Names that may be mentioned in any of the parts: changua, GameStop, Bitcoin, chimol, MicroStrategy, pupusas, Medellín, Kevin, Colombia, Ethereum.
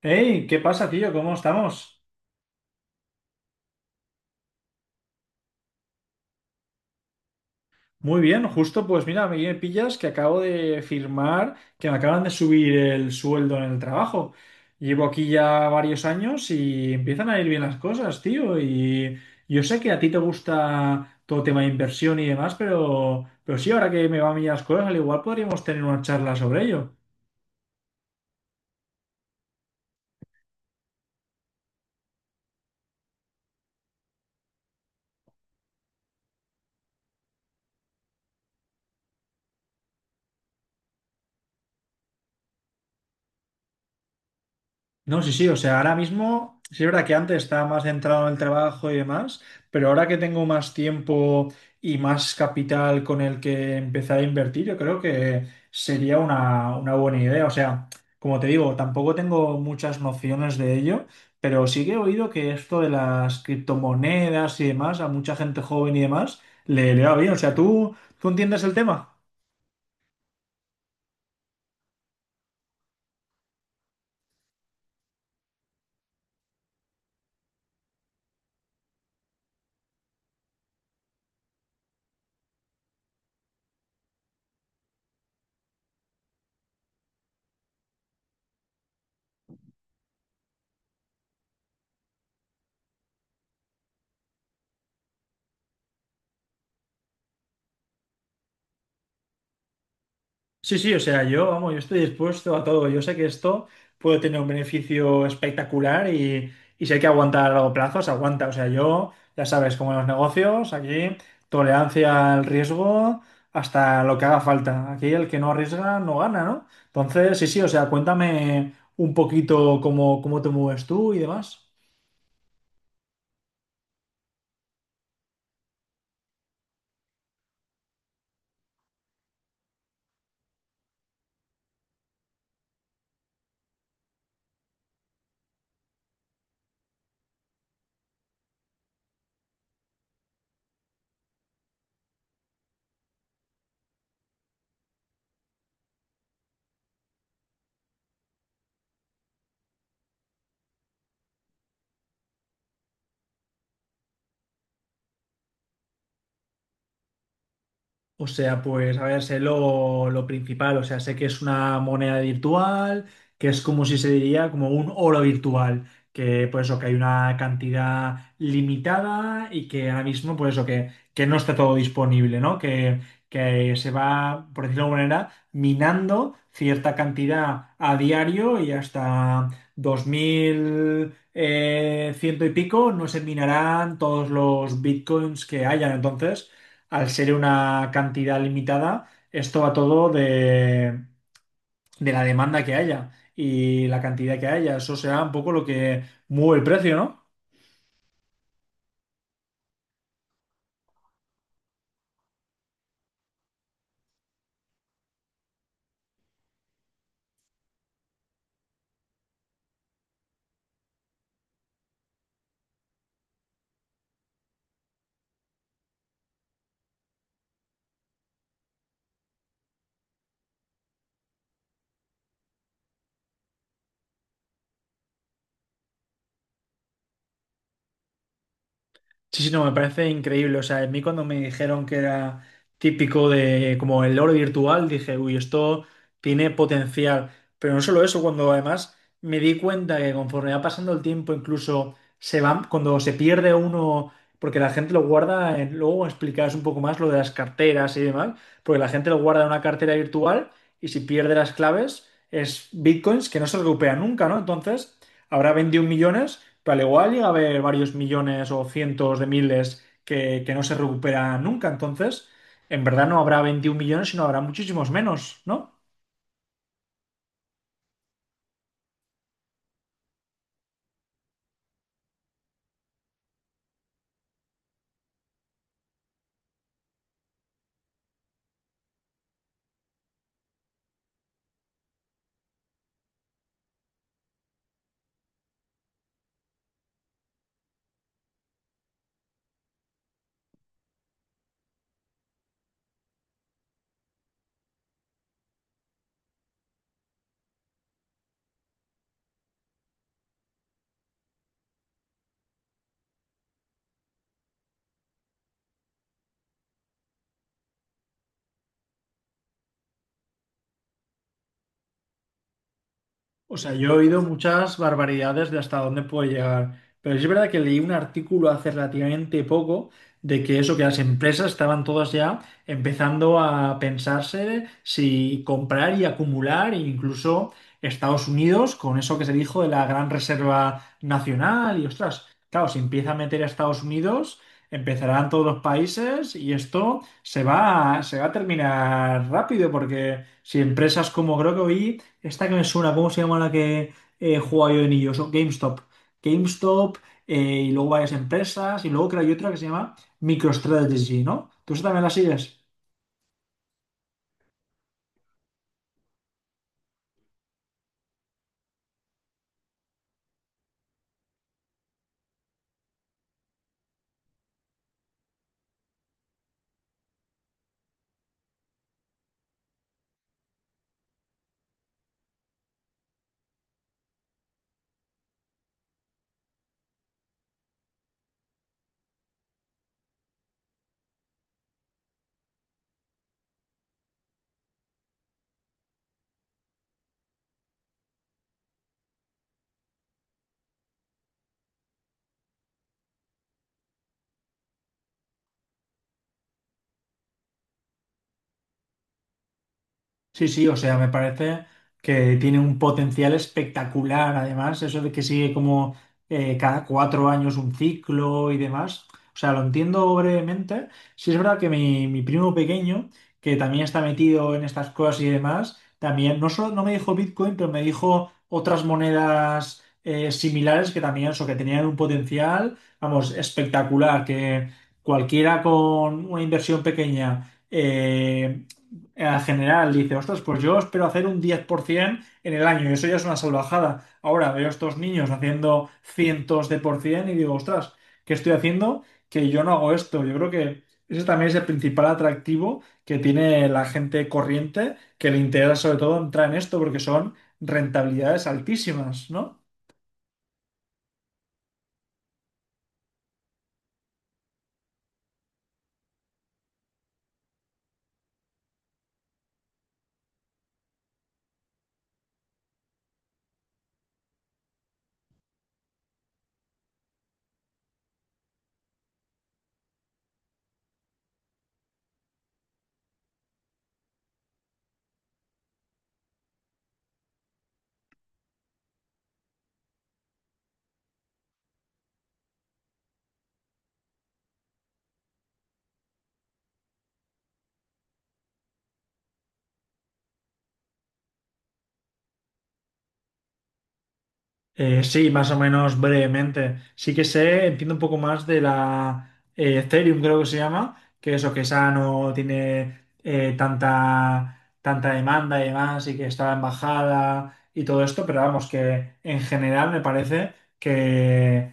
Hey, ¿qué pasa, tío? ¿Cómo estamos? Muy bien, justo pues mira, me pillas que acabo de firmar, que me acaban de subir el sueldo en el trabajo. Llevo aquí ya varios años y empiezan a ir bien las cosas, tío. Y yo sé que a ti te gusta todo tema de inversión y demás, pero sí, ahora que me van bien las cosas, al igual podríamos tener una charla sobre ello. No, sí, sí, o sea, ahora mismo, sí es verdad que antes estaba más centrado en el trabajo y demás, pero ahora que tengo más tiempo y más capital con el que empezar a invertir, yo creo que sería una buena idea. O sea, como te digo, tampoco tengo muchas nociones de ello, pero sí que he oído que esto de las criptomonedas y demás, a mucha gente joven y demás, le va bien. O sea, ¿tú entiendes el tema? Sí, sí, o sea, yo, vamos, yo estoy dispuesto a todo. Yo sé que esto puede tener un beneficio espectacular y si hay que aguantar a largo plazo, se aguanta. O sea, yo, ya sabes, como en los negocios, aquí tolerancia al riesgo hasta lo que haga falta. Aquí el que no arriesga no gana, ¿no? Entonces, sí, sí, o sea, cuéntame un poquito cómo te mueves tú y demás. O sea, pues a ver, sé lo principal, o sea, sé que es una moneda virtual, que es como si se diría como un oro virtual, que pues eso, que hay una cantidad limitada y que ahora mismo pues eso, que no está todo disponible, ¿no? Que se va, por decirlo de alguna manera, minando cierta cantidad a diario y hasta 2000 ciento y pico no se minarán todos los bitcoins que hayan. Entonces al ser una cantidad limitada, esto va todo de la demanda que haya y la cantidad que haya. Eso será un poco lo que mueve el precio, ¿no? Sí, sí, no, me parece increíble. O sea, a mí cuando me dijeron que era típico de como el oro virtual, dije, uy, esto tiene potencial. Pero no solo eso, cuando además me di cuenta que conforme va pasando el tiempo, incluso se van, cuando se pierde uno, porque la gente lo guarda, luego explicarás un poco más lo de las carteras y demás, porque la gente lo guarda en una cartera virtual y si pierde las claves es bitcoins que no se recupera nunca, ¿no? Entonces, habrá 21 millones pero al igual llega a haber varios millones o cientos de miles que no se recuperan nunca. Entonces, en verdad no habrá 21 millones, sino habrá muchísimos menos, ¿no? O sea, yo he oído muchas barbaridades de hasta dónde puede llegar, pero sí es verdad que leí un artículo hace relativamente poco de que eso, que las empresas estaban todas ya empezando a pensarse si comprar y acumular, e incluso Estados Unidos, con eso que se dijo de la Gran Reserva Nacional, y ostras, claro, si empieza a meter a Estados Unidos, empezarán todos los países y esto se va, se va a terminar rápido, porque si empresas como creo que oí esta que me suena, ¿cómo se llama la que jugaba yo de niño? Son GameStop. GameStop eh, y luego varias empresas y luego creo que hay otra que se llama MicroStrategy, ¿no? ¿Tú esa también la sigues? Sí, sí, o sea, me parece que tiene un potencial espectacular, además, eso de que sigue como cada 4 años un ciclo y demás. O sea, lo entiendo brevemente. Sí es verdad que mi primo pequeño, que también está metido en estas cosas y demás, también no solo no me dijo Bitcoin, pero me dijo otras monedas similares que también, eso, que tenían un potencial, vamos, espectacular, que cualquiera con una inversión pequeña a general dice, ostras, pues yo espero hacer un 10% en el año, y eso ya es una salvajada. Ahora veo a estos niños haciendo cientos de por ciento y digo, ostras, ¿qué estoy haciendo? Que yo no hago esto. Yo creo que ese también es el principal atractivo que tiene la gente corriente, que le interesa sobre todo entrar en esto porque son rentabilidades altísimas, ¿no? Sí, más o menos brevemente. Sí que sé, entiendo un poco más de la Ethereum, creo que se llama, que eso, que esa no tiene eh, tanta demanda y demás, y que está en bajada y todo esto, pero vamos, que en general me parece que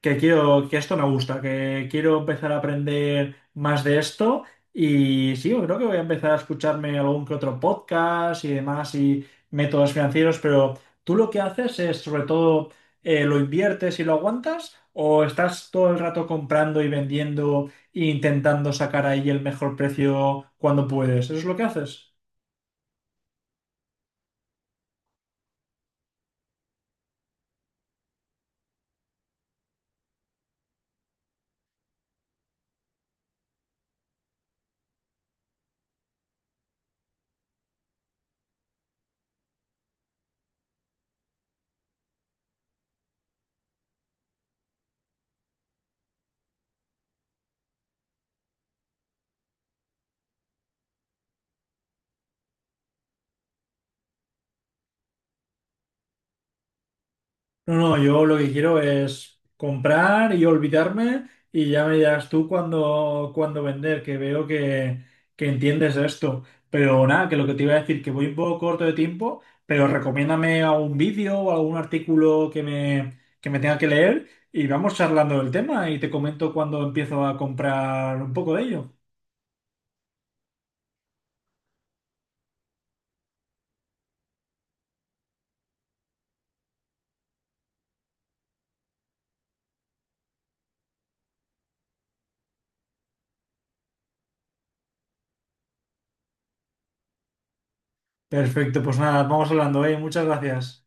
que esto me gusta, que quiero empezar a aprender más de esto y sí, yo creo que voy a empezar a escucharme algún que otro podcast y demás y métodos financieros, pero tú lo que haces es sobre todo lo inviertes y lo aguantas o estás todo el rato comprando y vendiendo e intentando sacar ahí el mejor precio cuando puedes. ¿Eso es lo que haces? No, no, yo lo que quiero es comprar y olvidarme y ya me dirás tú cuándo vender, que veo que entiendes esto. Pero nada, que lo que te iba a decir, que voy un poco corto de tiempo, pero recomiéndame algún vídeo o algún artículo que me tenga que leer y vamos charlando del tema y te comento cuando empiezo a comprar un poco de ello. Perfecto, pues nada, vamos hablando, ¿eh? Muchas gracias.